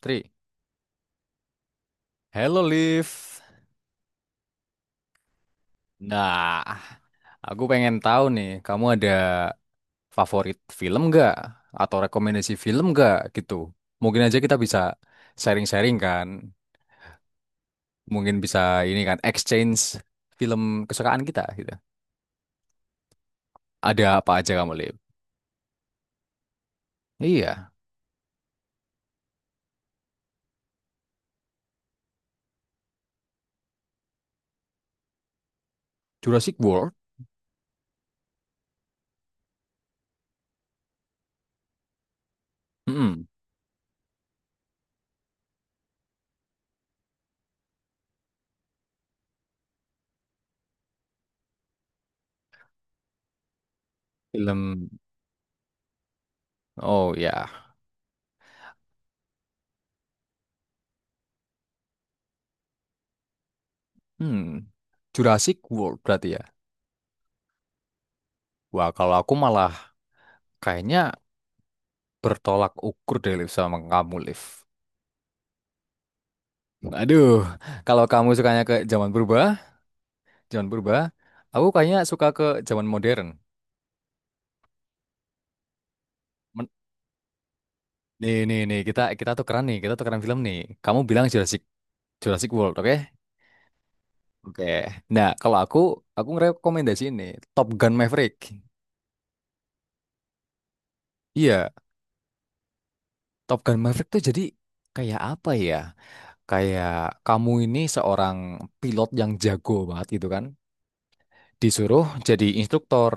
Tri, hello Liv. Nah, aku pengen tahu nih, kamu ada favorit film nggak? Atau rekomendasi film nggak gitu? Mungkin aja kita bisa sharing-sharing kan. Mungkin bisa ini kan, exchange film kesukaan kita gitu. Ada apa aja kamu, Liv? Iya, Jurassic World. Mm-mm. Film, oh ya. Hmm. Jurassic World berarti ya. Wah, kalau aku malah kayaknya bertolak ukur deh Liv sama kamu, Liv. Aduh, kalau kamu sukanya ke zaman purba, aku kayaknya suka ke zaman modern. Men- nih, nih, nih, kita kita tuh keren nih, kita tuh keren film nih. Kamu bilang Jurassic Jurassic World, oke? Oke. Nah, kalau aku ngerekomendasi ini Top Gun Maverick. Iya, Top Gun Maverick tuh jadi kayak apa ya? Kayak kamu ini seorang pilot yang jago banget gitu kan? Disuruh jadi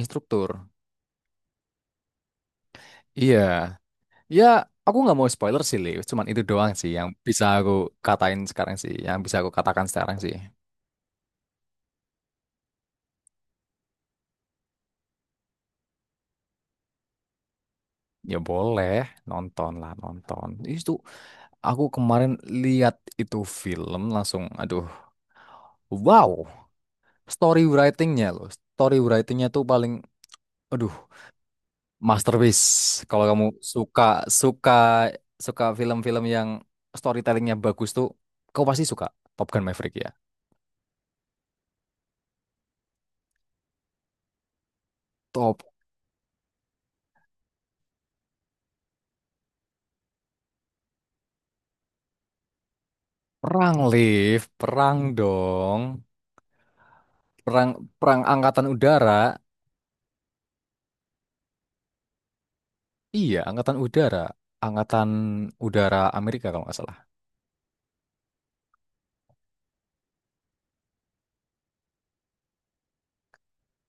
instruktur. Iya. Ya, aku nggak mau spoiler sih, Li. Cuman itu doang sih yang bisa aku katain sekarang sih. Yang bisa aku katakan sekarang sih. Ya boleh, nonton lah, nonton. Itu aku kemarin lihat itu film langsung, aduh, wow. Story writingnya loh. Story writingnya tuh paling, aduh, masterpiece. Kalau kamu suka, suka, suka film-film yang storytellingnya bagus tuh, kau pasti suka Top Gun Maverick ya. Top Perang, Liv. Perang dong. Perang perang angkatan udara, iya angkatan udara, angkatan udara Amerika kalau nggak salah.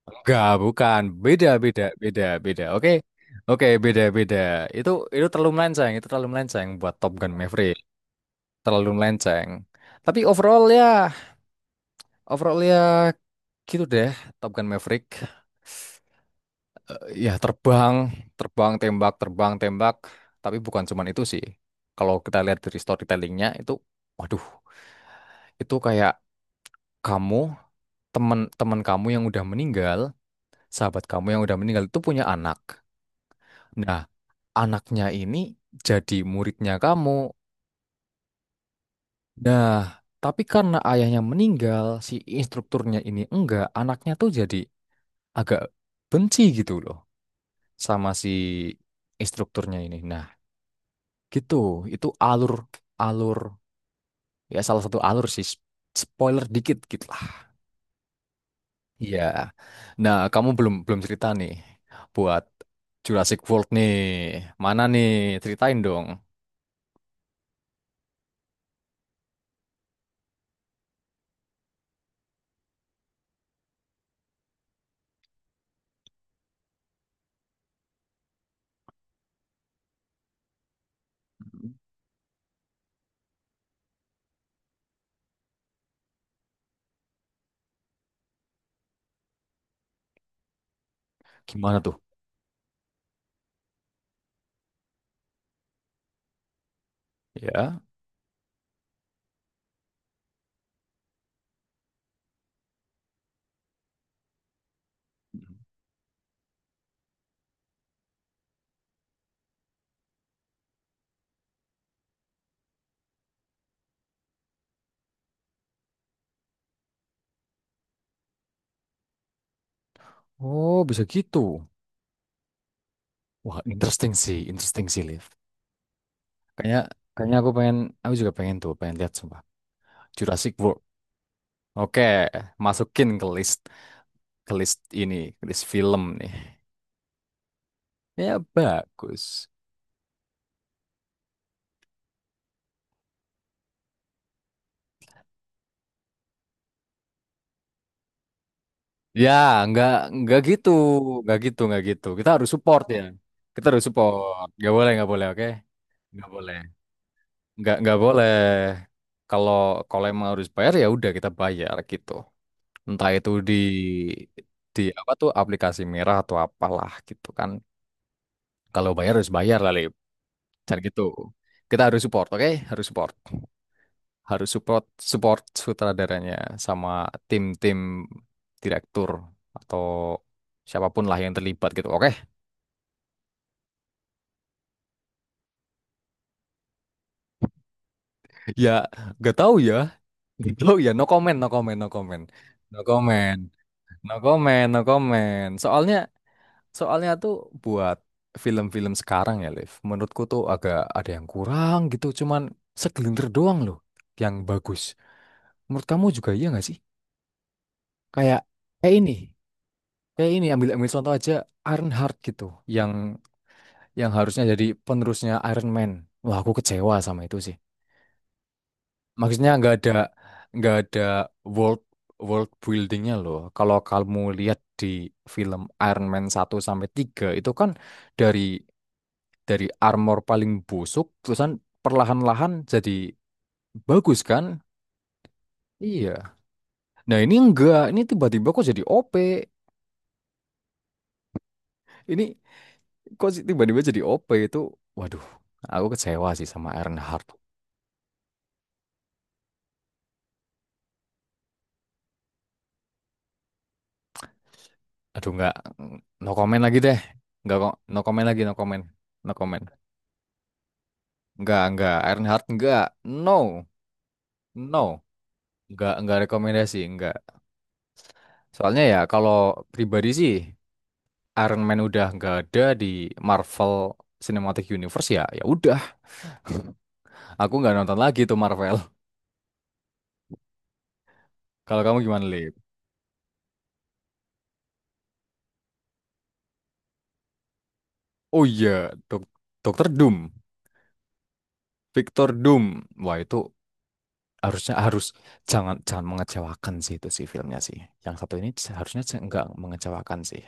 Enggak, bukan, beda beda beda beda, oke, oke, beda beda. Itu terlalu melenceng, itu terlalu melenceng buat Top Gun Maverick, terlalu melenceng. Tapi overall ya, overall ya gitu deh Top Gun Maverick. Eh, ya terbang, terbang tembak, terbang tembak, tapi bukan cuman itu sih. Kalau kita lihat dari storytellingnya itu, waduh, itu kayak kamu, teman teman kamu yang udah meninggal, sahabat kamu yang udah meninggal itu punya anak. Nah, anaknya ini jadi muridnya kamu. Nah, tapi karena ayahnya meninggal, si instrukturnya ini enggak, anaknya tuh jadi agak benci gitu loh sama si instrukturnya ini. Nah, gitu. Itu alur alur, ya salah satu alur sih. Spoiler dikit gitu. Iya. Nah, kamu belum belum cerita nih buat Jurassic World nih. Mana nih? Ceritain dong. Gimana tuh? Ya. Oh, bisa gitu. Wah, interesting sih, Liv. Kayaknya kayaknya aku juga pengen tuh, pengen lihat sumpah. Jurassic World. Oke, masukin ke list, ke list film nih. Ya bagus. Ya, nggak, nggak gitu, nggak gitu. Kita harus support ya. Kita harus support. Nggak boleh, oke? Nggak boleh, nggak boleh. Kalau kalau emang harus bayar ya udah kita bayar gitu, entah itu di apa tuh aplikasi merah atau apalah gitu kan. Kalau bayar harus bayar lah Lip. Jangan gitu, kita harus support, oke, harus support, harus support, support sutradaranya sama tim-tim direktur atau siapapun lah yang terlibat gitu, oke. Ya nggak tahu ya, nggak tahu ya, no comment no comment. No comment, no comment. Soalnya, soalnya tuh buat film-film sekarang ya, Liv. Menurutku tuh agak ada yang kurang gitu. Cuman segelintir doang loh yang bagus. Menurut kamu juga iya nggak sih? Kayak, kayak ini, kayak ini. Ambil Ambil contoh aja Iron Heart gitu, yang harusnya jadi penerusnya Iron Man. Wah, aku kecewa sama itu sih. Maksudnya nggak ada world world buildingnya loh. Kalau kamu lihat di film Iron Man satu sampai 3 itu kan dari dari armor paling busuk terusan perlahan-lahan jadi bagus kan? Iya. Nah, ini enggak, ini tiba-tiba kok jadi OP. Ini kok sih tiba-tiba jadi OP itu, waduh, aku kecewa sih sama Ironheart. Aduh nggak, no comment lagi deh. Nggak kok, no comment lagi, no comment. No comment. Enggak, enggak. Ironheart Heart enggak. No, no. Enggak rekomendasi, enggak. Soalnya ya kalau pribadi sih Iron Man udah enggak ada di Marvel Cinematic Universe ya. Ya udah, aku enggak nonton lagi tuh Marvel. Kalau kamu gimana, Lip? Oh iya, Dokter Doom, Victor Doom. Wah, itu harus jangan jangan mengecewakan sih itu sih filmnya sih. Yang satu ini harusnya enggak mengecewakan sih.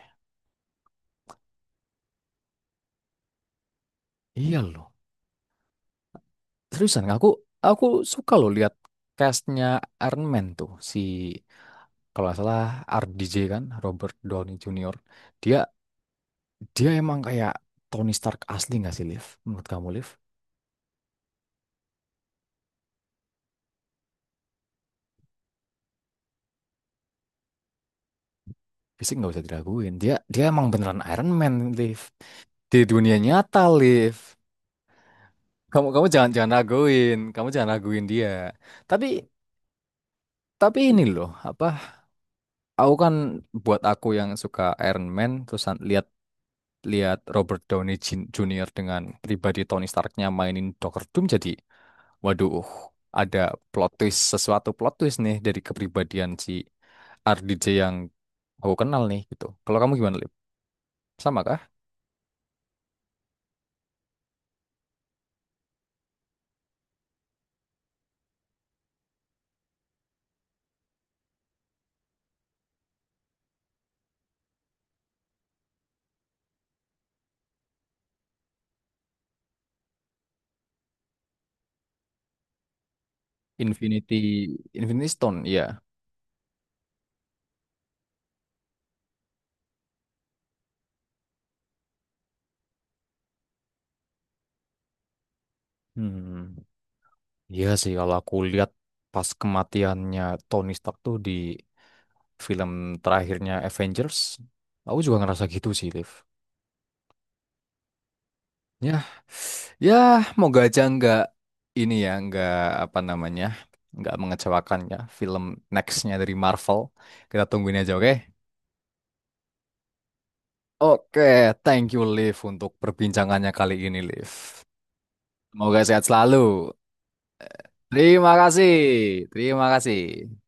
Iya loh. Seriusan, aku suka loh lihat castnya Iron Man tuh si kalau nggak salah RDJ kan Robert Downey Jr. Dia Dia emang kayak Tony Stark asli nggak sih Liv? Menurut kamu Liv? Fisik nggak usah diraguin. Dia Dia emang beneran Iron Man Liv. Di dunia nyata Liv. Kamu Kamu jangan jangan raguin. Kamu jangan raguin dia. Tapi tapi ini loh apa? Aku kan buat aku yang suka Iron Man terus lihat, Robert Jr. dengan pribadi Tony Starknya mainin Doctor Doom, jadi waduh, ada plot twist, sesuatu plot twist nih dari kepribadian si RDJ yang aku kenal nih gitu. Kalau kamu gimana, Lip? Sama kah? Infinity Infinity Stone, iya. Hmm. Iya sih kalau aku lihat pas kematiannya Tony Stark tuh di film terakhirnya Avengers, aku juga ngerasa gitu sih, Liv. Ya, ya, moga aja nggak ini ya, nggak apa namanya, nggak mengecewakan ya film nextnya dari Marvel. Kita tungguin aja, oke? Oke, thank you Liv untuk perbincangannya kali ini Liv. Semoga sehat selalu. Terima kasih, terima kasih.